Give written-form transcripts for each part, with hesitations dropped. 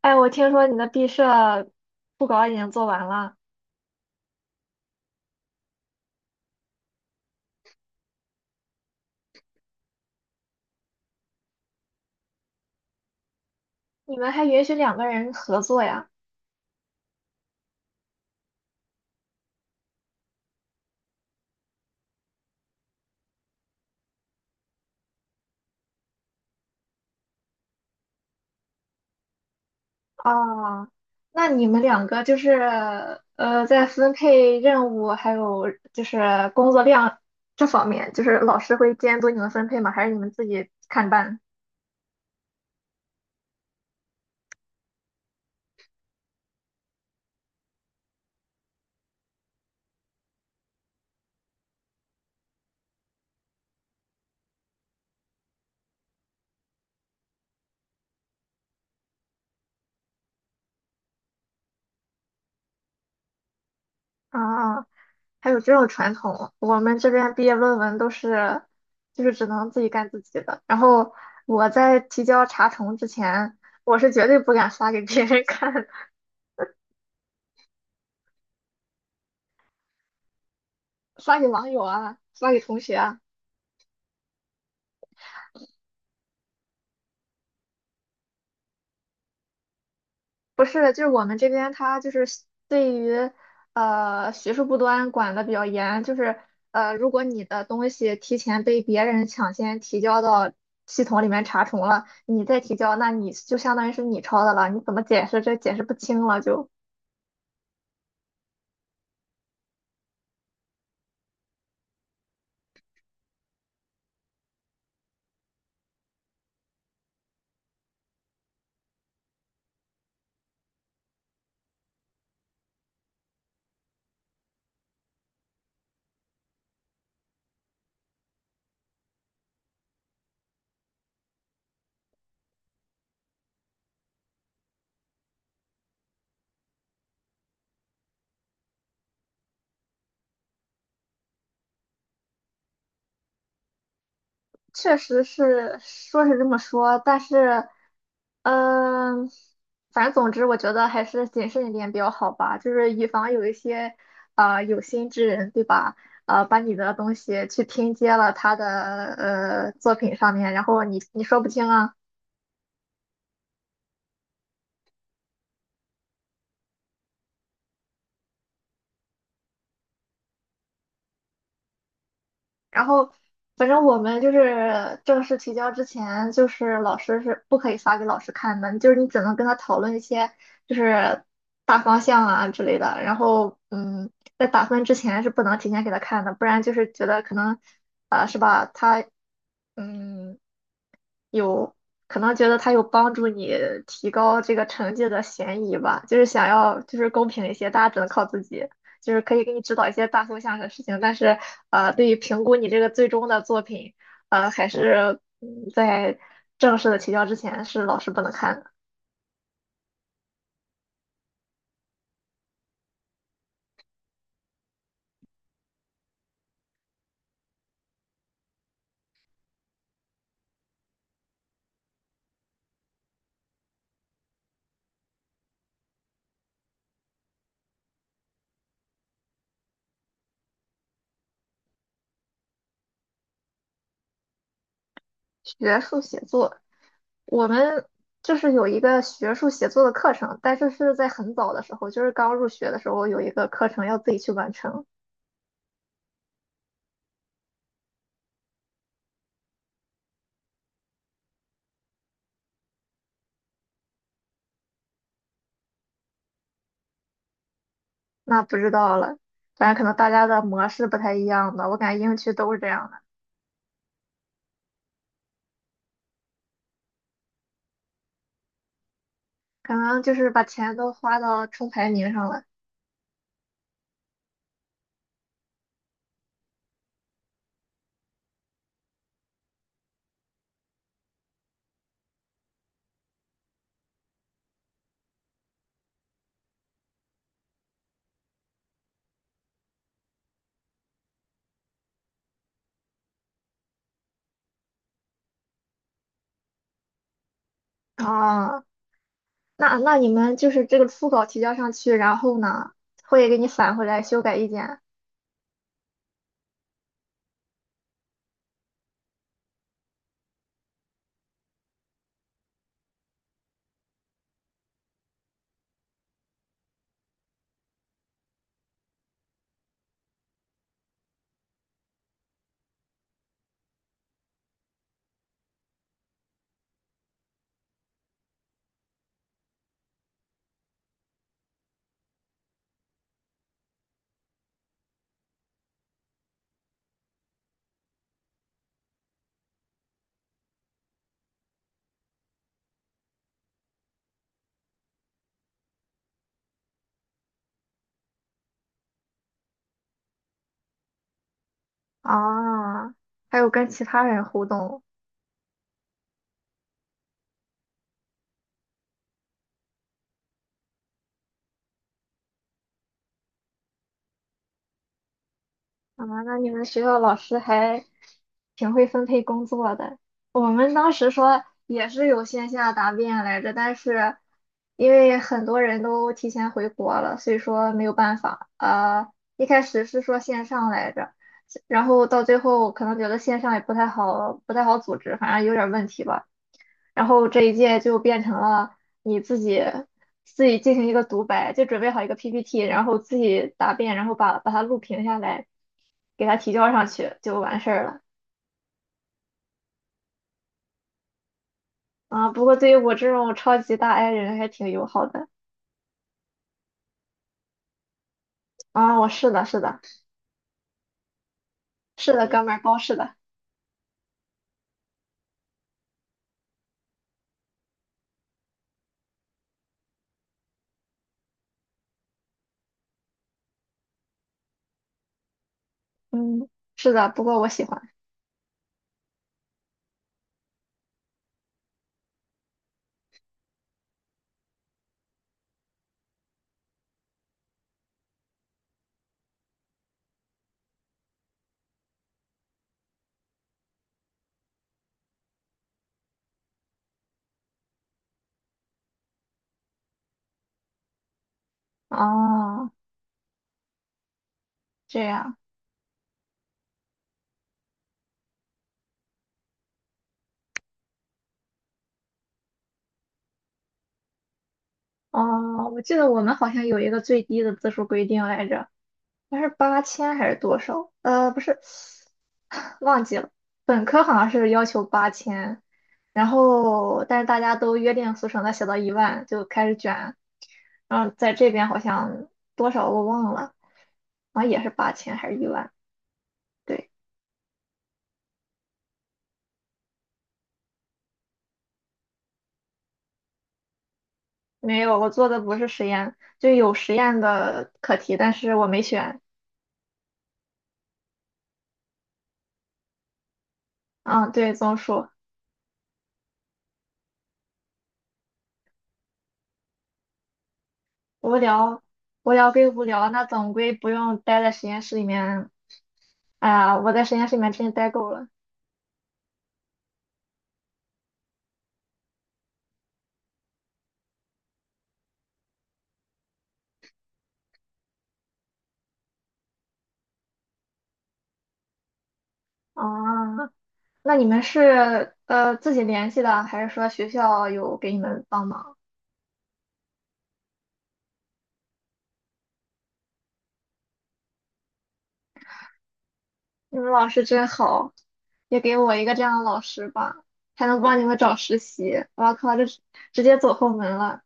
哎，我听说你的毕设布稿已经做完了，你们还允许两个人合作呀？啊，那你们两个就是在分配任务还有就是工作量这方面，就是老师会监督你们分配吗？还是你们自己看办？啊，还有这种传统，我们这边毕业论文都是就是只能自己干自己的。然后我在提交查重之前，我是绝对不敢发给别人看，发给网友啊，发给同学啊。不是，就是我们这边他就是对于学术不端管的比较严，就是如果你的东西提前被别人抢先提交到系统里面查重了，你再提交，那你就相当于是你抄的了，你怎么解释这解释不清了就。确实是说是这么说，但是，嗯、反正总之，我觉得还是谨慎一点比较好吧，就是以防有一些啊，有心之人，对吧？啊，把你的东西去拼接了他的作品上面，然后你说不清啊。然后反正我们就是正式提交之前，就是老师是不可以发给老师看的，就是你只能跟他讨论一些就是大方向啊之类的。然后在打分之前是不能提前给他看的，不然就是觉得可能啊、是吧？他嗯有可能觉得它有帮助你提高这个成绩的嫌疑吧，就是想要就是公平一些，大家只能靠自己，就是可以给你指导一些大方向的事情，但是对于评估你这个最终的作品，还是在正式的提交之前是老师不能看的。学术写作，我们就是有一个学术写作的课程，但是是在很早的时候，就是刚入学的时候有一个课程要自己去完成。那不知道了，反正可能大家的模式不太一样吧。我感觉英区都是这样的，可能就是把钱都花到冲排名上了。啊，那你们就是这个初稿提交上去，然后呢，会给你返回来修改意见。啊，还有跟其他人互动。啊，那你们学校老师还挺会分配工作的。我们当时说也是有线下答辩来着，但是因为很多人都提前回国了，所以说没有办法。一开始是说线上来着，然后到最后可能觉得线上也不太好，不太好组织，反正有点问题吧。然后这一届就变成了你自己进行一个独白，就准备好一个 PPT，然后自己答辩，然后把它录屏下来。给他提交上去就完事儿了啊。不过对于我这种超级大 I 人还挺友好的啊。我是的，是的，是的，哥们儿，包是的，嗯，是的。不过我喜欢哦，这样哦。我记得我们好像有一个最低的字数规定来着，它是八千还是多少？不是，忘记了。本科好像是要求八千，然后但是大家都约定俗成的写到一万就开始卷，然后在这边好像多少我忘了，好像也是八千还是一万。对，没有，我做的不是实验，就有实验的课题，但是我没选。嗯，对，综述无聊，无聊归无聊，那总归不用待在实验室里面。哎呀，我在实验室里面真是待够了。啊，那你们是自己联系的，还是说学校有给你们帮忙？你们老师真好，也给我一个这样的老师吧，还能帮你们找实习。我靠，这是直接走后门了。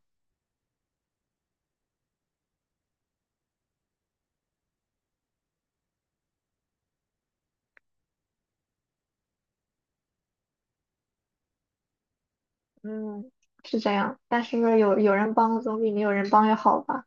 嗯，是这样，但是有人帮总比没有人帮要好吧？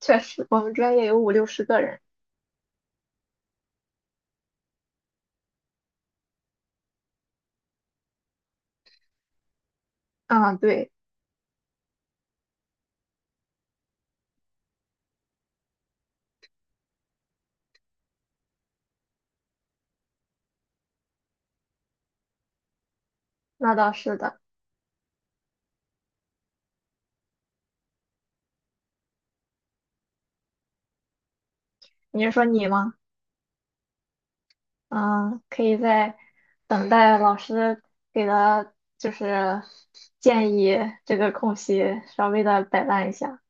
确实，我们专业有5、60个人。啊，对，那倒是的。你是说你吗？嗯，可以在等待老师给的，就是建议这个空隙稍微的摆烂一下。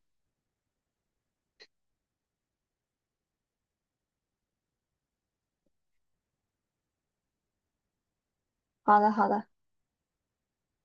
好的，好的。